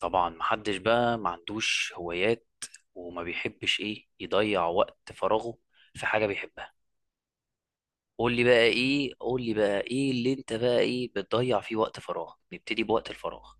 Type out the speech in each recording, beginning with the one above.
طبعا، محدش بقى ما عندوش هوايات، وما بيحبش ايه يضيع وقت فراغه في حاجة بيحبها. قول لي بقى ايه، قول لي بقى ايه اللي انت بقى ايه بتضيع فيه وقت فراغ. نبتدي بوقت الفراغ.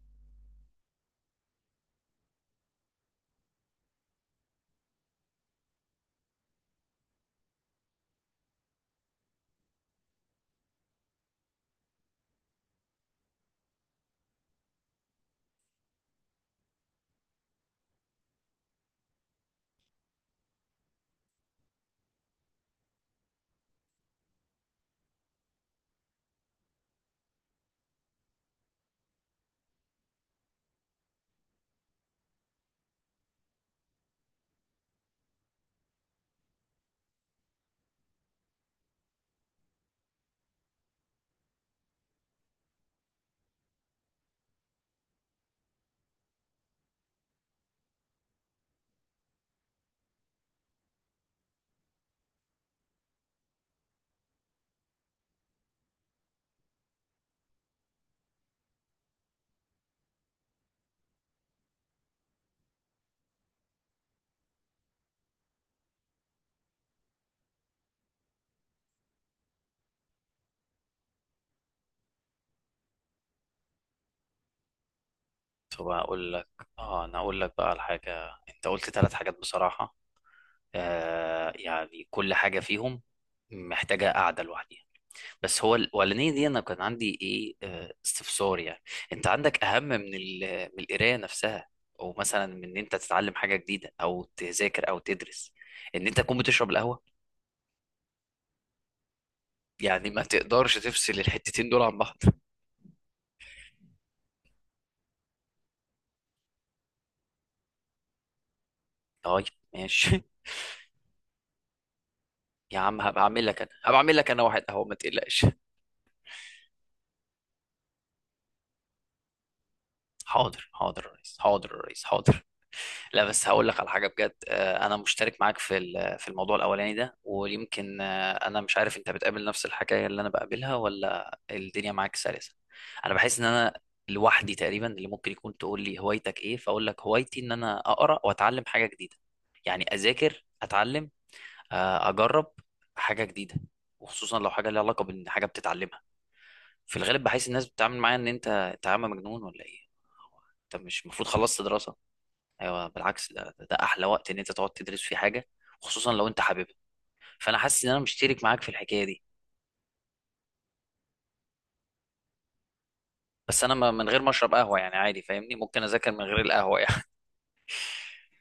فبقى اقول لك، اه انا اقول لك بقى على حاجة. انت قلت ثلاث حاجات بصراحة. يعني كل حاجة فيهم محتاجة قعدة لوحديها. بس هو الاولانيه دي انا كان عندي ايه، استفسار يعني. انت عندك اهم من من القرايه نفسها، او مثلا من ان انت تتعلم حاجه جديده او تذاكر او تدرس، ان انت تكون بتشرب القهوه؟ يعني ما تقدرش تفصل الحتتين دول عن بعض. طيب. ماشي. يا عم هبقى اعمل لك انا، هبقى اعمل لك انا واحد قهوه، ما تقلقش. حاضر حاضر يا ريس، حاضر يا ريس، حاضر. لا، بس هقول لك على حاجه بجد. انا مشترك معاك في في الموضوع الاولاني ده، ويمكن، انا مش عارف انت بتقابل نفس الحكايه اللي انا بقابلها ولا الدنيا معاك سلسه. انا بحس ان انا لوحدي تقريبا اللي ممكن يكون. تقول لي هوايتك ايه، فاقول لك هوايتي ان انا اقرا واتعلم حاجه جديده. يعني اذاكر، اتعلم، اجرب حاجه جديده، وخصوصا لو حاجه ليها علاقه بحاجه بتتعلمها. في الغالب بحس الناس بتتعامل معايا ان انت يا عم مجنون ولا ايه؟ انت مش المفروض خلصت دراسه؟ ايوه، بالعكس، ده احلى وقت ان انت تقعد تدرس فيه حاجه، خصوصا لو انت حاببها. فانا حاسس ان انا مشترك معاك في الحكايه دي. بس انا من غير ما اشرب قهوه يعني عادي، فاهمني؟ ممكن اذاكر من غير القهوه يعني.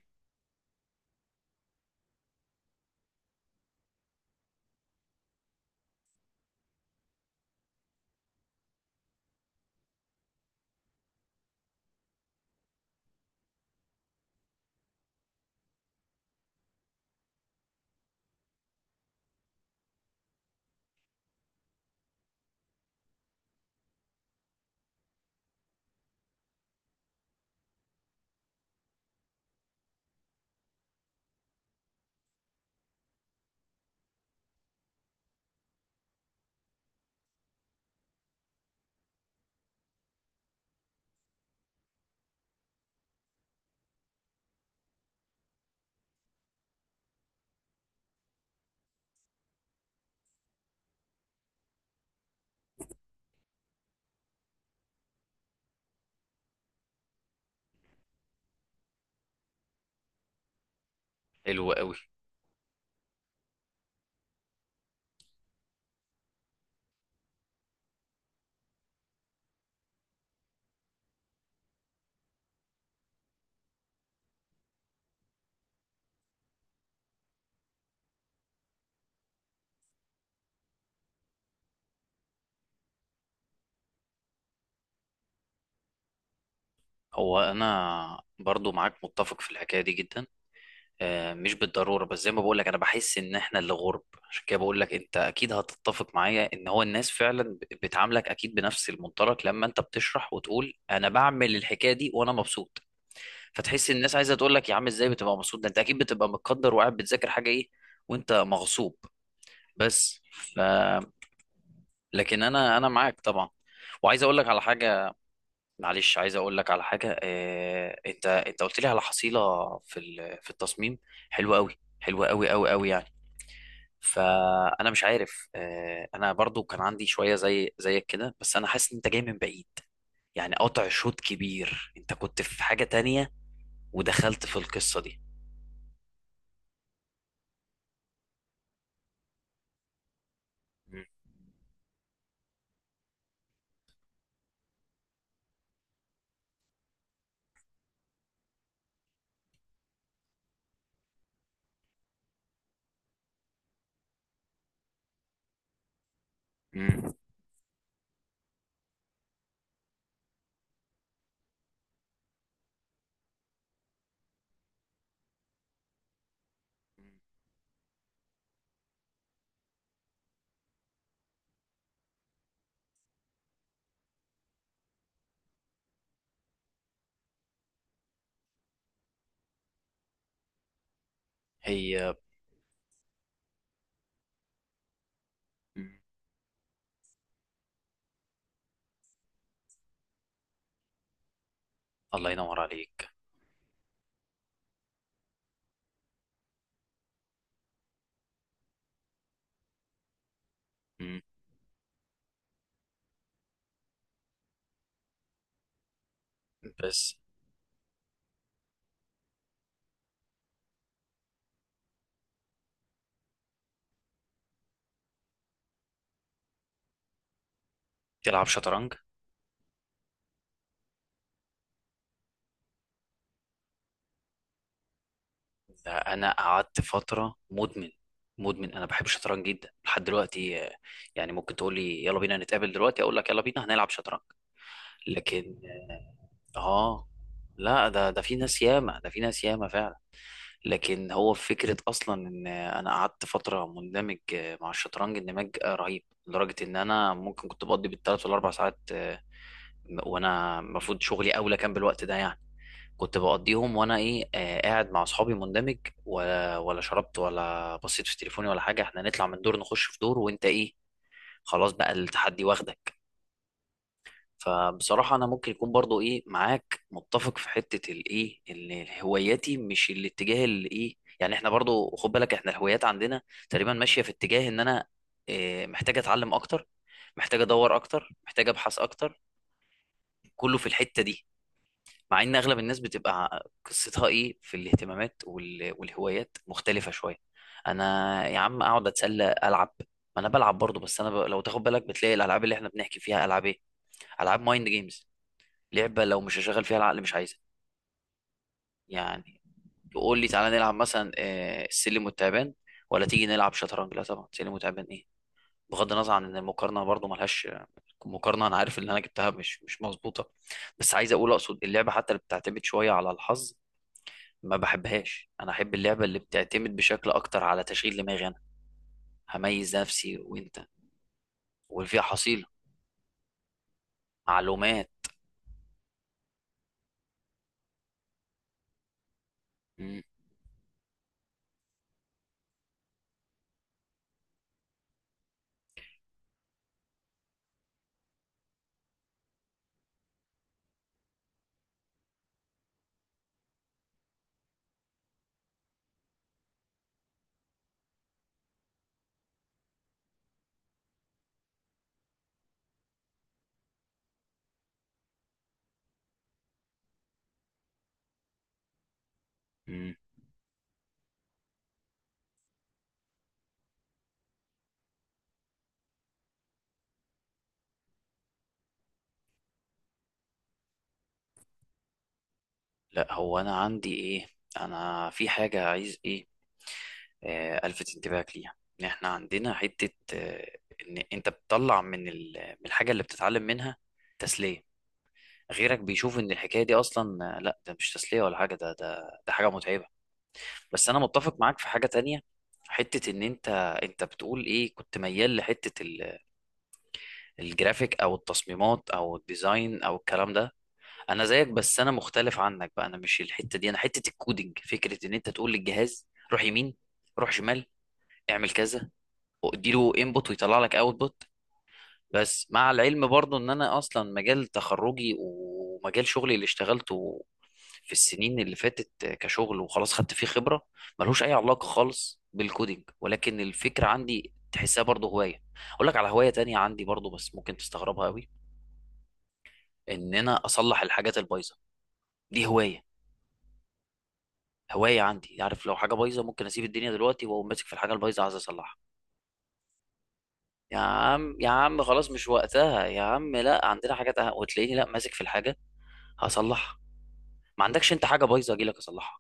حلو قوي. هو انا برضو معاك متفق في الحكايه دي جدا. مش بالضروره، بس زي ما بقول لك انا بحس ان احنا اللي غرب. عشان كده بقول لك انت اكيد هتتفق معايا ان هو الناس فعلا بتعاملك اكيد بنفس المنطلق، لما انت بتشرح وتقول انا بعمل الحكايه دي وانا مبسوط، فتحس الناس عايزه تقول لك يا عم ازاي بتبقى مبسوط؟ ده انت اكيد بتبقى متقدر وقاعد بتذاكر حاجه ايه، وانت مغصوب. بس ف لكن انا معاك طبعا، وعايز اقول لك على حاجه. معلش عايز اقول لك على حاجه. انت قلت لي على حصيله في في التصميم. حلوه قوي، حلوه قوي قوي قوي يعني. فانا مش عارف، انا برضو كان عندي شويه زي زيك كده، بس انا حاسس ان انت جاي من بعيد، يعني قطع شوط كبير. انت كنت في حاجه تانية، ودخلت في القصه دي. مم. مم. مم. هي. مم. الله ينور عليك. مم. بس. تلعب شطرنج؟ لا، انا قعدت فتره مدمن. مدمن. انا بحب الشطرنج جدا لحد دلوقتي. يعني ممكن تقول لي يلا بينا نتقابل دلوقتي، اقول لك يلا بينا هنلعب شطرنج. لكن. اه. آه. لا، ده في ناس ياما، ده في ناس ياما فعلا. لكن هو فكرة أصلا إن أنا قعدت فترة مندمج، مع الشطرنج اندماج، رهيب لدرجة إن أنا ممكن كنت بقضي بالثلاث والأربع ساعات، وانا المفروض شغلي اولى كان بالوقت ده يعني. كنت بقضيهم وانا ايه، قاعد مع اصحابي مندمج، ولا شربت ولا بصيت في تليفوني ولا حاجه. احنا نطلع من دور نخش في دور، وانت ايه، خلاص بقى التحدي واخدك. فبصراحه انا ممكن يكون برضو ايه معاك متفق في حته الايه، ان هواياتي مش الاتجاه اللي ايه يعني. احنا برضو خد بالك، احنا الهوايات عندنا تقريبا ماشيه في اتجاه ان انا محتاج اتعلم اكتر، محتاج ادور اكتر، محتاج ابحث اكتر، كله في الحته دي. مع ان اغلب الناس بتبقى قصتها ايه في الاهتمامات والهوايات مختلفه شويه. انا يا عم اقعد اتسلى العب. ما انا بلعب برضه، بس انا لو تاخد بالك بتلاقي الالعاب اللي احنا بنحكي فيها العاب ايه؟ العاب مايند جيمز. لعبه لو مش هشغل فيها العقل مش عايزها يعني. تقول لي تعالى نلعب مثلا السلم والتعبان، ولا تيجي نلعب شطرنج؟ لا طبعا، سلم وتعبان ايه؟ بغض النظر عن ان المقارنه برضه ملهاش مقارنه، انا عارف ان انا جبتها مش مظبوطه، بس عايز اقول، اقصد اللعبه حتى اللي بتعتمد شويه على الحظ ما بحبهاش. انا احب اللعبه اللي بتعتمد بشكل اكتر على تشغيل دماغي انا، هميز نفسي وانت، واللي فيها حصيله معلومات. مم. مم. لا، هو انا عندي ايه، انا في حاجه عايز ايه، الفت انتباهك ليها، ان احنا عندنا حته، ان انت بتطلع من من الحاجه اللي بتتعلم منها تسليه. غيرك بيشوف ان الحكايه دي اصلا، لا، ده مش تسليه ولا حاجه، ده حاجه متعبه. بس انا متفق معاك في حاجه تانية. حته ان انت، انت بتقول ايه، كنت ميال لحته الجرافيك او التصميمات او الديزاين او الكلام ده. انا زيك، بس انا مختلف عنك بقى، انا مش الحته دي، انا حته الكودينج. فكره ان انت تقول للجهاز روح يمين، روح شمال، اعمل كذا، واديله انبوت ويطلع لك اوتبوت. بس مع العلم برضو ان انا اصلا مجال تخرجي ومجال شغلي اللي اشتغلته في السنين اللي فاتت كشغل وخلاص خدت فيه خبرة، ملهوش اي علاقة خالص بالكودينج. ولكن الفكرة عندي تحسها برضو هواية. اقول لك على هواية تانية عندي برضو، بس ممكن تستغربها قوي. ان انا اصلح الحاجات البايظة. دي هواية، هواية عندي عارف. لو حاجة بايظة ممكن اسيب الدنيا دلوقتي واقوم ماسك في الحاجة البايظة عايز اصلحها. يا عم يا عم خلاص مش وقتها يا عم، لا عندنا حاجات أهم. وتلاقيني لا ماسك في الحاجة، هصلحها. ما عندكش انت حاجه بايظه اجي لك اصلحها؟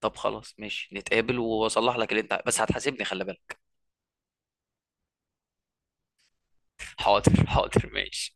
طب خلاص، ماشي، نتقابل واصلح لك اللي انت، بس هتحاسبني خلي بالك. حاضر حاضر ماشي.